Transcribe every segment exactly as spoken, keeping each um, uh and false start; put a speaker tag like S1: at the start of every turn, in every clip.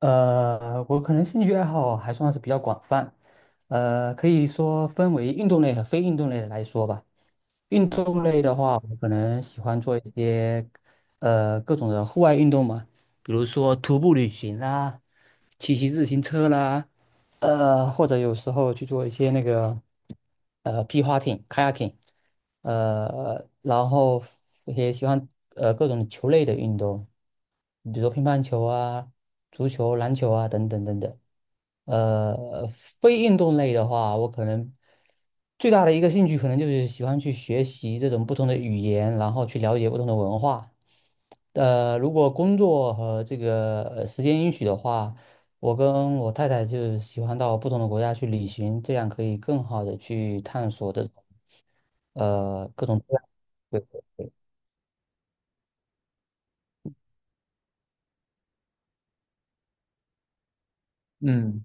S1: 呃，我可能兴趣爱好还算是比较广泛，呃，可以说分为运动类和非运动类的来说吧。运动类的话，我可能喜欢做一些呃各种的户外运动嘛，比如说徒步旅行啦、骑骑自行车啦，呃，或者有时候去做一些那个呃皮划艇 （kayaking），呃，然后也喜欢呃各种球类的运动，比如说乒乓球啊、足球、篮球啊等等等等。呃，非运动类的话，我可能最大的一个兴趣可能就是喜欢去学习这种不同的语言，然后去了解不同的文化。呃，如果工作和这个呃时间允许的话，我跟我太太就喜欢到不同的国家去旅行，这样可以更好的去探索这种呃各种各样。对对对，嗯。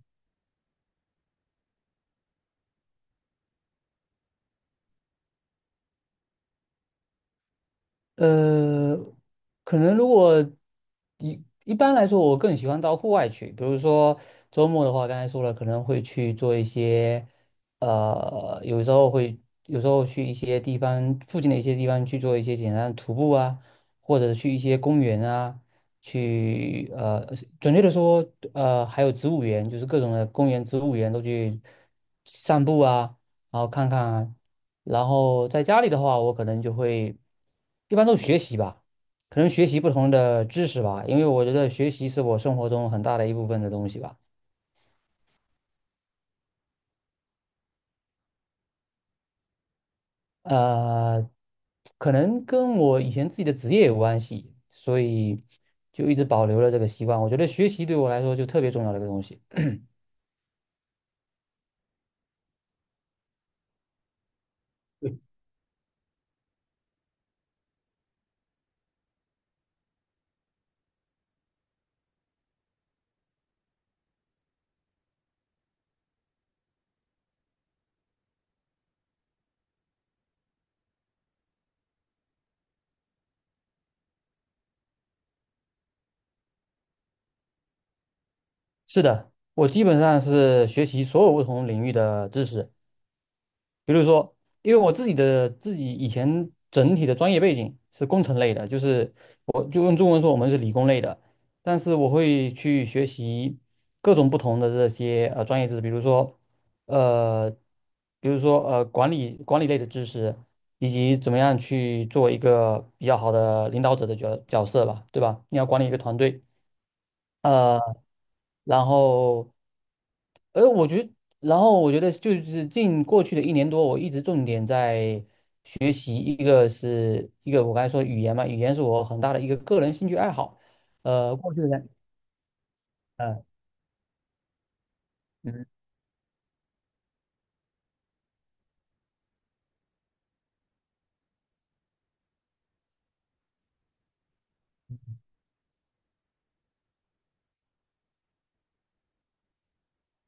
S1: 呃，可能如果一一般来说，我更喜欢到户外去。比如说周末的话，刚才说了，可能会去做一些，呃，有时候会，有时候去一些地方附近的一些地方去做一些简单的徒步啊，或者去一些公园啊，去呃，准确的说，呃，还有植物园，就是各种的公园、植物园都去散步啊。然后看看，然后在家里的话，我可能就会，一般都是学习吧，可能学习不同的知识吧，因为我觉得学习是我生活中很大的一部分的东西吧。呃，可能跟我以前自己的职业有关系，所以就一直保留了这个习惯。我觉得学习对我来说就特别重要的一个东西。是的，我基本上是学习所有不同领域的知识。比如说，因为我自己的自己以前整体的专业背景是工程类的，就是我就用中文说我们是理工类的，但是我会去学习各种不同的这些呃专业知识，比如说呃，比如说呃管理管理类的知识，以及怎么样去做一个比较好的领导者的角角色吧，对吧？你要管理一个团队。呃。然后，呃，我觉得，然后我觉得就是近过去的一年多，我一直重点在学习，一个是一个我刚才说语言嘛，语言是我很大的一个个人兴趣爱好。呃，过去的人，呃，嗯，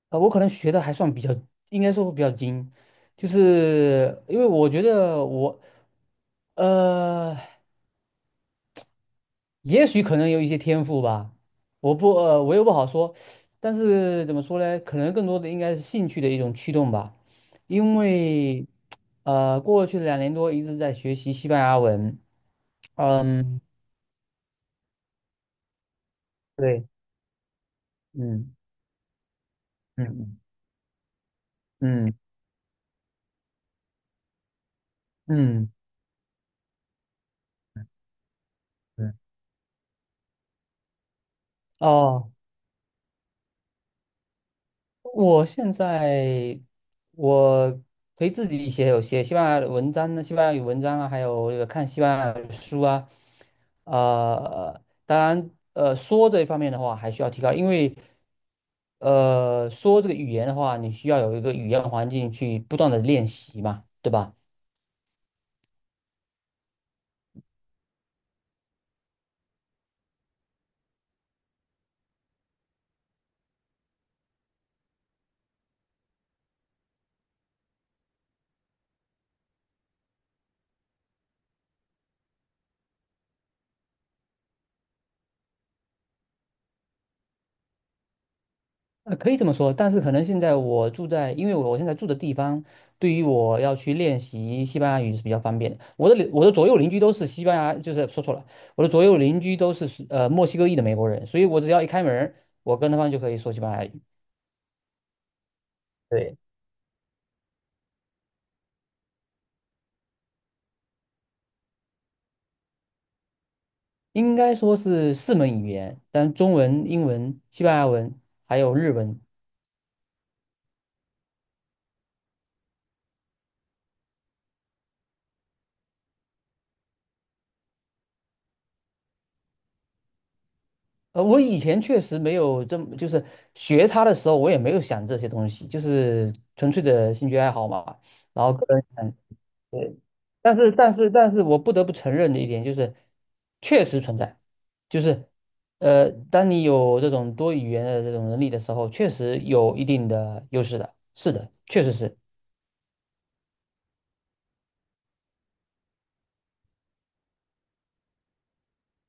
S1: 呃，我可能学的还算比较，应该说比较精，就是因为我觉得我，呃。也许可能有一些天赋吧，我不呃，我又不好说，但是怎么说呢？可能更多的应该是兴趣的一种驱动吧，因为呃，过去的两年多一直在学习西班牙文。嗯。对。嗯嗯嗯嗯嗯。对。哦。我现在我可以自己写，有写西班牙的文章呢，西班牙语文章啊，还有这个看西班牙语书啊，呃，当然，呃，说这一方面的话还需要提高，因为呃，说这个语言的话，你需要有一个语言环境去不断的练习嘛，对吧？呃，可以这么说，但是可能现在我住在，因为我我现在住的地方，对于我要去练习西班牙语是比较方便的。我的邻我的左右邻居都是西班牙，就是说错了，我的左右邻居都是是呃墨西哥裔的美国人，所以我只要一开门儿，我跟他们就可以说西班牙语。对，应该说是四门语言，但中文、英文、西班牙文还有日文。呃，我以前确实没有这么，就是学它的时候，我也没有想这些东西，就是纯粹的兴趣爱好嘛。然后个人。对，但是但是但是我不得不承认的一点就是，确实存在，就是，呃，当你有这种多语言的这种能力的时候，确实有一定的优势的，是的，确实是，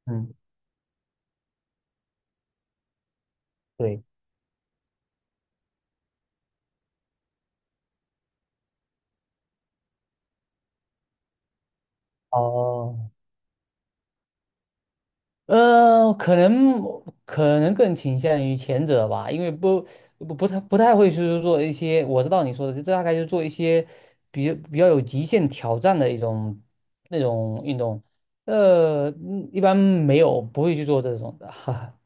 S1: 嗯，对，哦。呃，可能可能更倾向于前者吧，因为不不不太不太会去做一些，我知道你说的，这大概就做一些比较比较有极限挑战的一种那种运动，呃，嗯一般没有不会去做这种的，哈哈。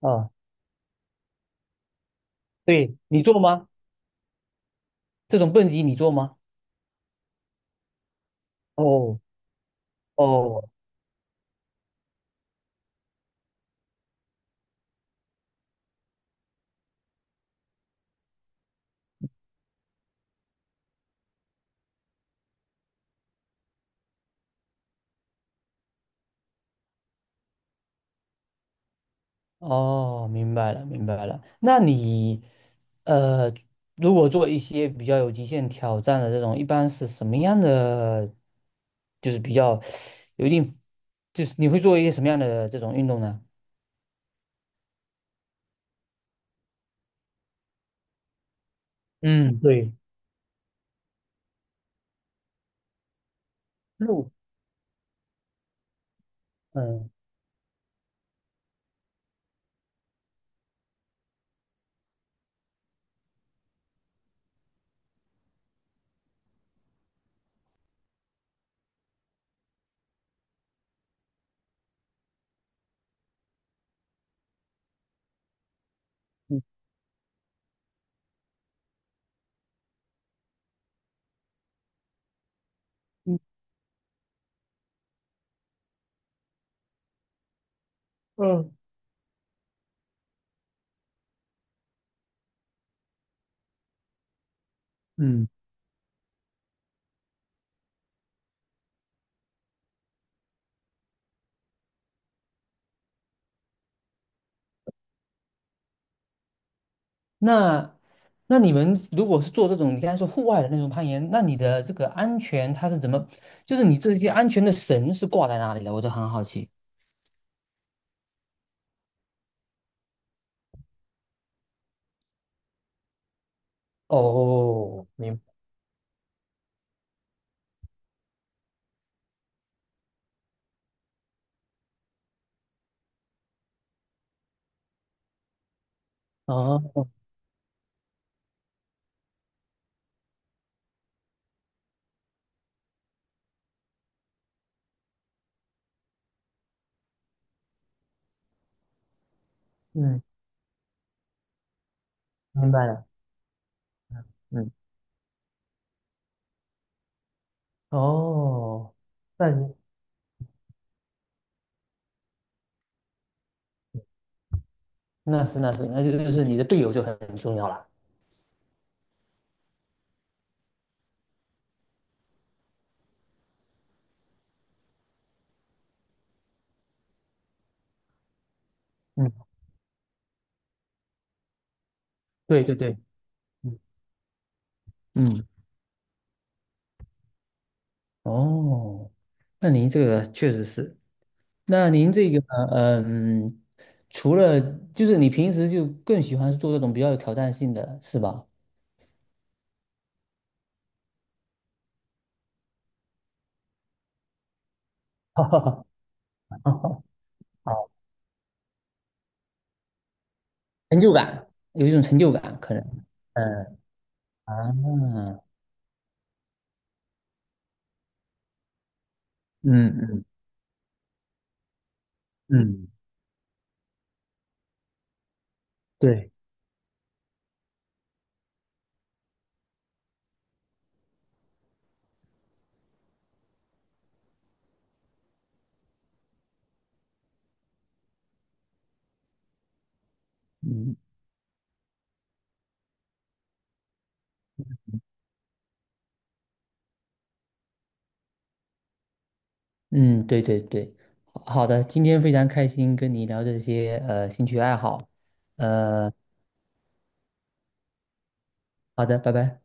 S1: 啊，对，你做吗？这种蹦极你做吗？哦哦，哦，明白了，明白了。那你，呃，如果做一些比较有极限挑战的这种，一般是什么样的？就是比较有一定，就是你会做一些什么样的这种运动呢？嗯，对，路，嗯嗯嗯。嗯。那那你们如果是做这种你刚才说户外的那种攀岩，那你的这个安全它是怎么？就是你这些安全的绳是挂在哪里的？我就很好奇。哦，明白。哦，嗯明白了，嗯，哦，那你那是那是，那就就是你的队友就很重要了。嗯，对对对，嗯嗯，哦，那您这个确实是，那您这个嗯，除了就是你平时就更喜欢做这种比较有挑战性的是吧？哈哈，哈。好，成就感，有一种成就感可能。嗯啊，嗯嗯嗯，对。嗯。嗯，对对对，好好的，今天非常开心跟你聊这些呃兴趣爱好，呃，好的，拜拜。